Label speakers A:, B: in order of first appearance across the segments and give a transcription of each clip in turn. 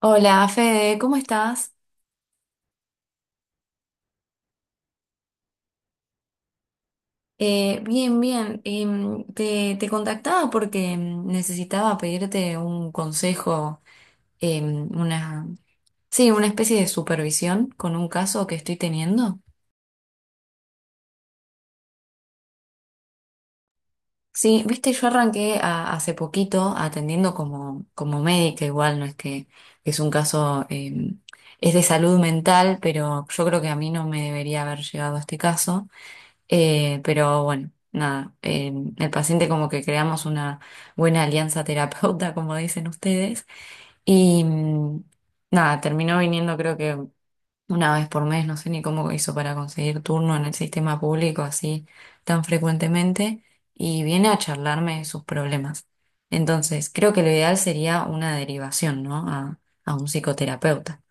A: Hola, Fede, ¿cómo estás? Bien, bien. Te contactaba porque necesitaba pedirte un consejo, em, una, sí, una especie de supervisión con un caso que estoy teniendo. Sí, viste, yo hace poquito atendiendo como, como médica, igual no es que es un caso, es de salud mental, pero yo creo que a mí no me debería haber llegado a este caso. Pero bueno, nada, el paciente como que creamos una buena alianza terapeuta, como dicen ustedes, y nada, terminó viniendo creo que una vez por mes, no sé ni cómo hizo para conseguir turno en el sistema público así tan frecuentemente, y viene a charlarme de sus problemas. Entonces, creo que lo ideal sería una derivación, ¿no? A un psicoterapeuta.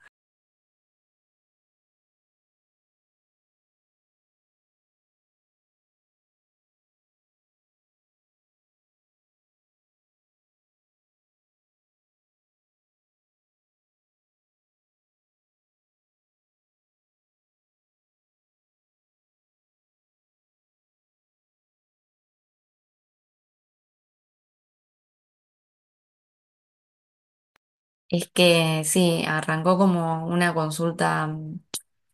A: Es que sí, arrancó como una consulta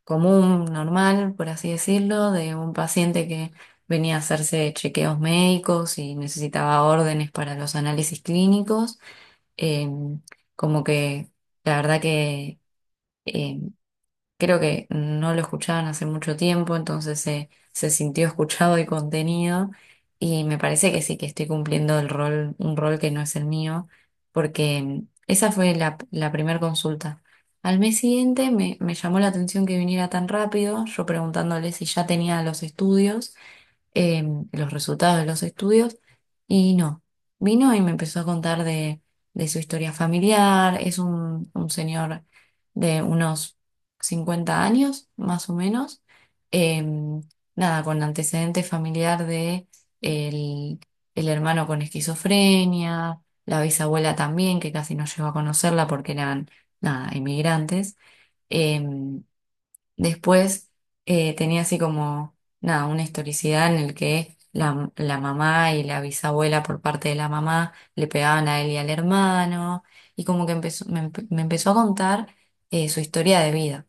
A: común, normal, por así decirlo, de un paciente que venía a hacerse chequeos médicos y necesitaba órdenes para los análisis clínicos. Eh, como que la verdad que eh, creo que no lo escuchaban hace mucho tiempo, entonces se sintió escuchado y contenido. Y me parece que sí, que estoy cumpliendo el rol, un rol que no es el mío, porque esa fue la primera consulta. Al mes siguiente me llamó la atención que viniera tan rápido, yo preguntándole si ya tenía los estudios, eh, los resultados de los estudios, y no, vino y me empezó a contar de su historia familiar, es un señor de unos 50 años más o menos, eh, nada, con antecedente familiar de el, el hermano con esquizofrenia, la bisabuela también, que casi no llegó a conocerla porque eran, nada, inmigrantes. Después, tenía así como, nada, una historicidad en el que la mamá y la bisabuela por parte de la mamá le pegaban a él y al hermano, y como que me empezó a contar su historia de vida.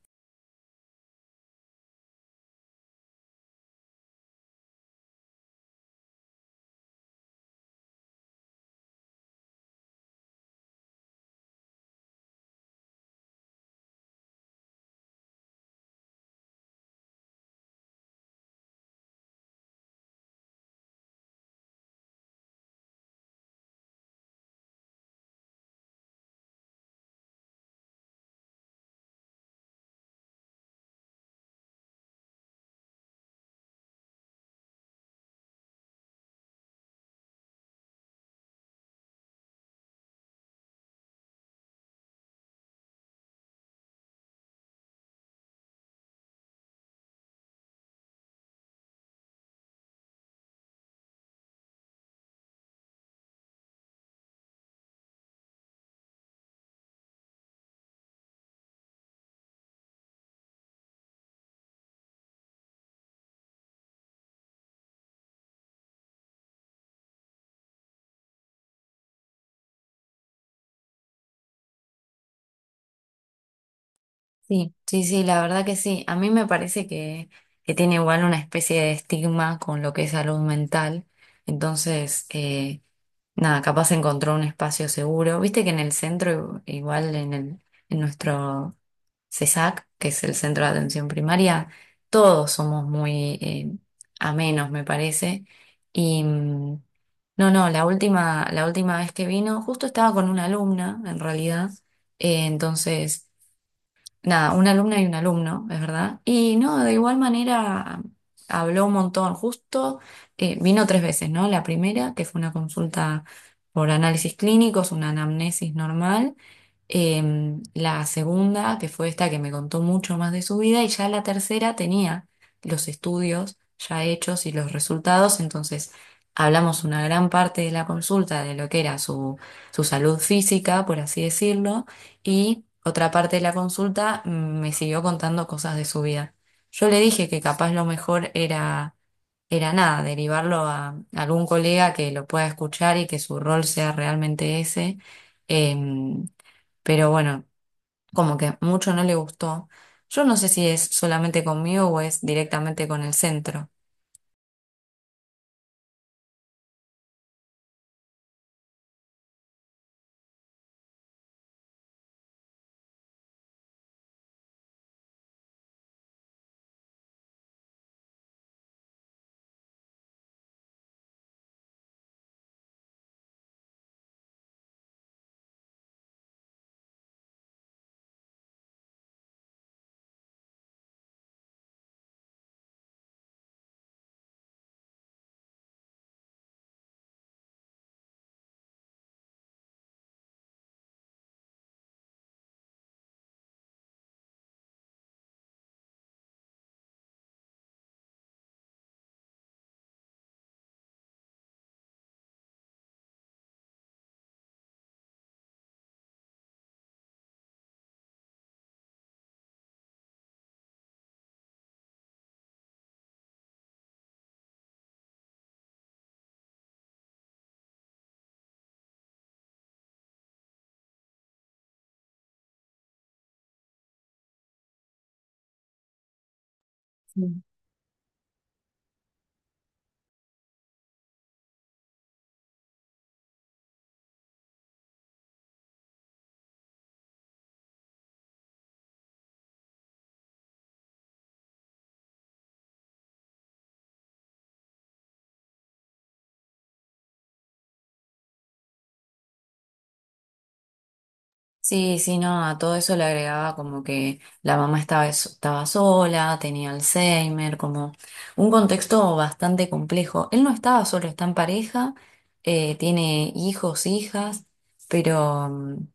A: Sí, sí, sí, la verdad que sí. A mí me parece que tiene igual una especie de estigma con lo que es salud mental. Entonces, nada, capaz encontró un espacio seguro. Viste que en el centro, igual en en nuestro CESAC, que es el Centro de Atención Primaria, todos somos muy amenos, me parece. Y no, no, la última vez que vino, justo estaba con una alumna, en realidad. Entonces nada, una alumna y un alumno, es verdad. Y no, de igual manera habló un montón, justo vino tres veces, ¿no? La primera, que fue una consulta por análisis clínicos, una anamnesis normal. La segunda, que fue esta que me contó mucho más de su vida, y ya la tercera tenía los estudios ya hechos y los resultados, entonces hablamos una gran parte de la consulta de lo que era su salud física, por así decirlo, y otra parte de la consulta, me siguió contando cosas de su vida. Yo le dije que capaz lo mejor era nada, derivarlo a algún colega que lo pueda escuchar y que su rol sea realmente ese. Em, pero bueno, como que mucho no le gustó. Yo no sé si es solamente conmigo o es directamente con el centro. Sí, sí, no, a todo eso le agregaba como que la mamá estaba sola, tenía Alzheimer, como un contexto bastante complejo. Él no estaba solo, está en pareja, tiene hijos, hijas, pero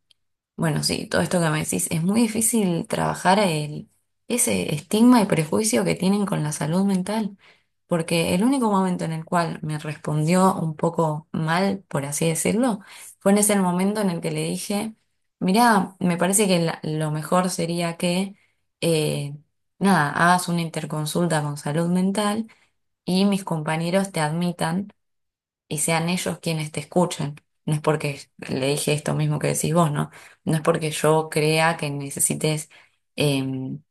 A: bueno, sí, todo esto que me decís, es muy difícil trabajar ese estigma y prejuicio que tienen con la salud mental, porque el único momento en el cual me respondió un poco mal, por así decirlo, fue en ese momento en el que le dije, mirá, me parece que lo mejor sería que, eh, nada, hagas una interconsulta con salud mental y mis compañeros te admitan y sean ellos quienes te escuchen. No es porque le dije esto mismo que decís vos, ¿no? No es porque yo crea que necesites em,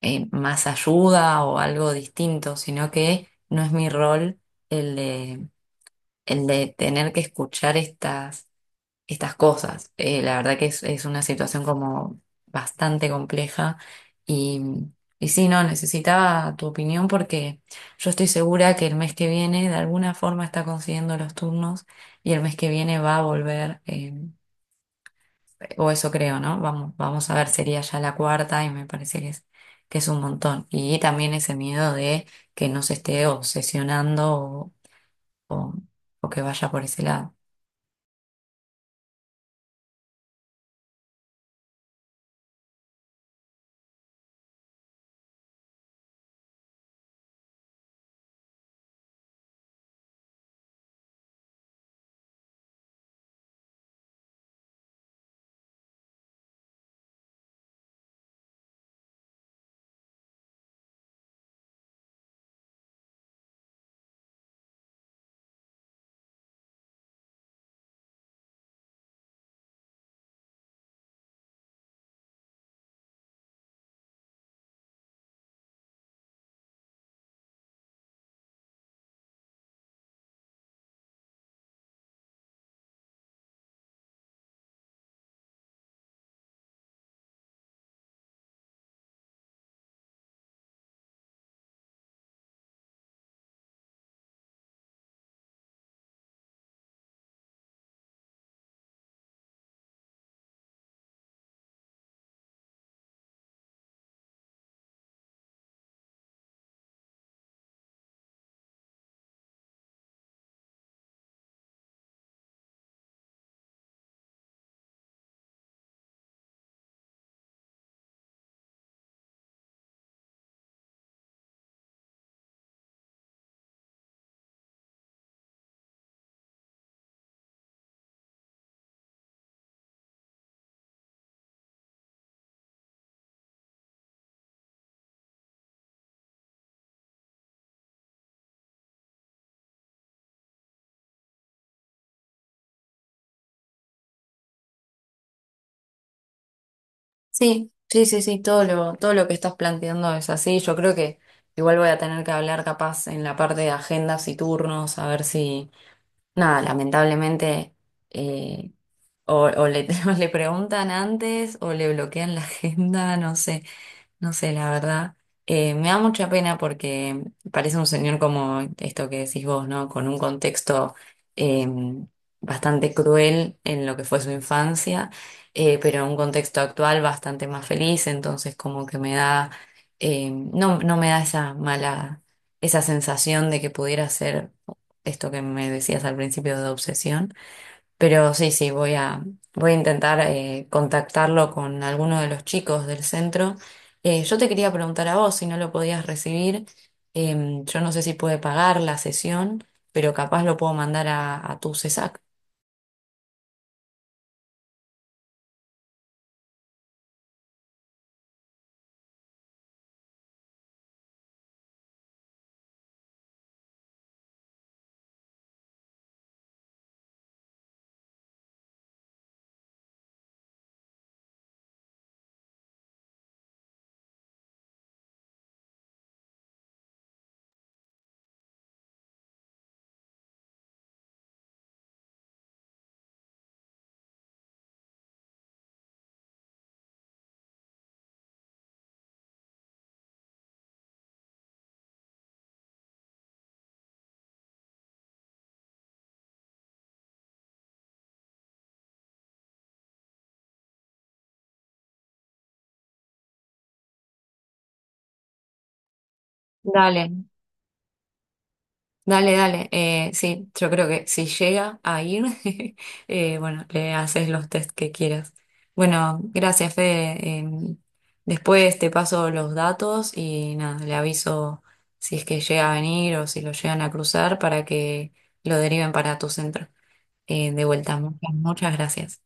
A: más ayuda o algo distinto, sino que no es mi rol el de, el de tener que escuchar estas cosas. La verdad que es una situación como bastante compleja y, y sí, no, necesitaba tu opinión porque yo estoy segura que el mes que viene de alguna forma está consiguiendo los turnos y el mes que viene va a volver, o eso creo, ¿no? Vamos, vamos a ver, sería ya la cuarta y me parece que es un montón. Y también ese miedo de que no se esté obsesionando o, o o que vaya por ese lado. Sí, sí, sí, sí, todo lo que estás planteando es así. Yo creo que igual voy a tener que hablar capaz en la parte de agendas y turnos, a ver si, nada, lamentablemente, eh, o le, o le preguntan antes o le bloquean la agenda, no sé. No sé, la verdad. Me da mucha pena porque parece un señor como esto que decís vos, ¿no? Con un contexto eh, bastante cruel en lo que fue su infancia, pero en un contexto actual bastante más feliz, entonces como que me da, no, no me da esa mala, esa sensación de que pudiera ser esto que me decías al principio de obsesión. Pero sí, sí, voy a intentar contactarlo con alguno de los chicos del centro. Yo te quería preguntar a vos si no lo podías recibir. Yo no sé si puede pagar la sesión, pero capaz lo puedo mandar a tu CESAC. Dale, dale. Sí, yo creo que si llega a ir, bueno, le haces los test que quieras. Bueno, gracias, Fede. Después te paso los datos y nada, le aviso si es que llega a venir o si lo llegan a cruzar para que lo deriven para tu centro. De vuelta, muchas, muchas gracias.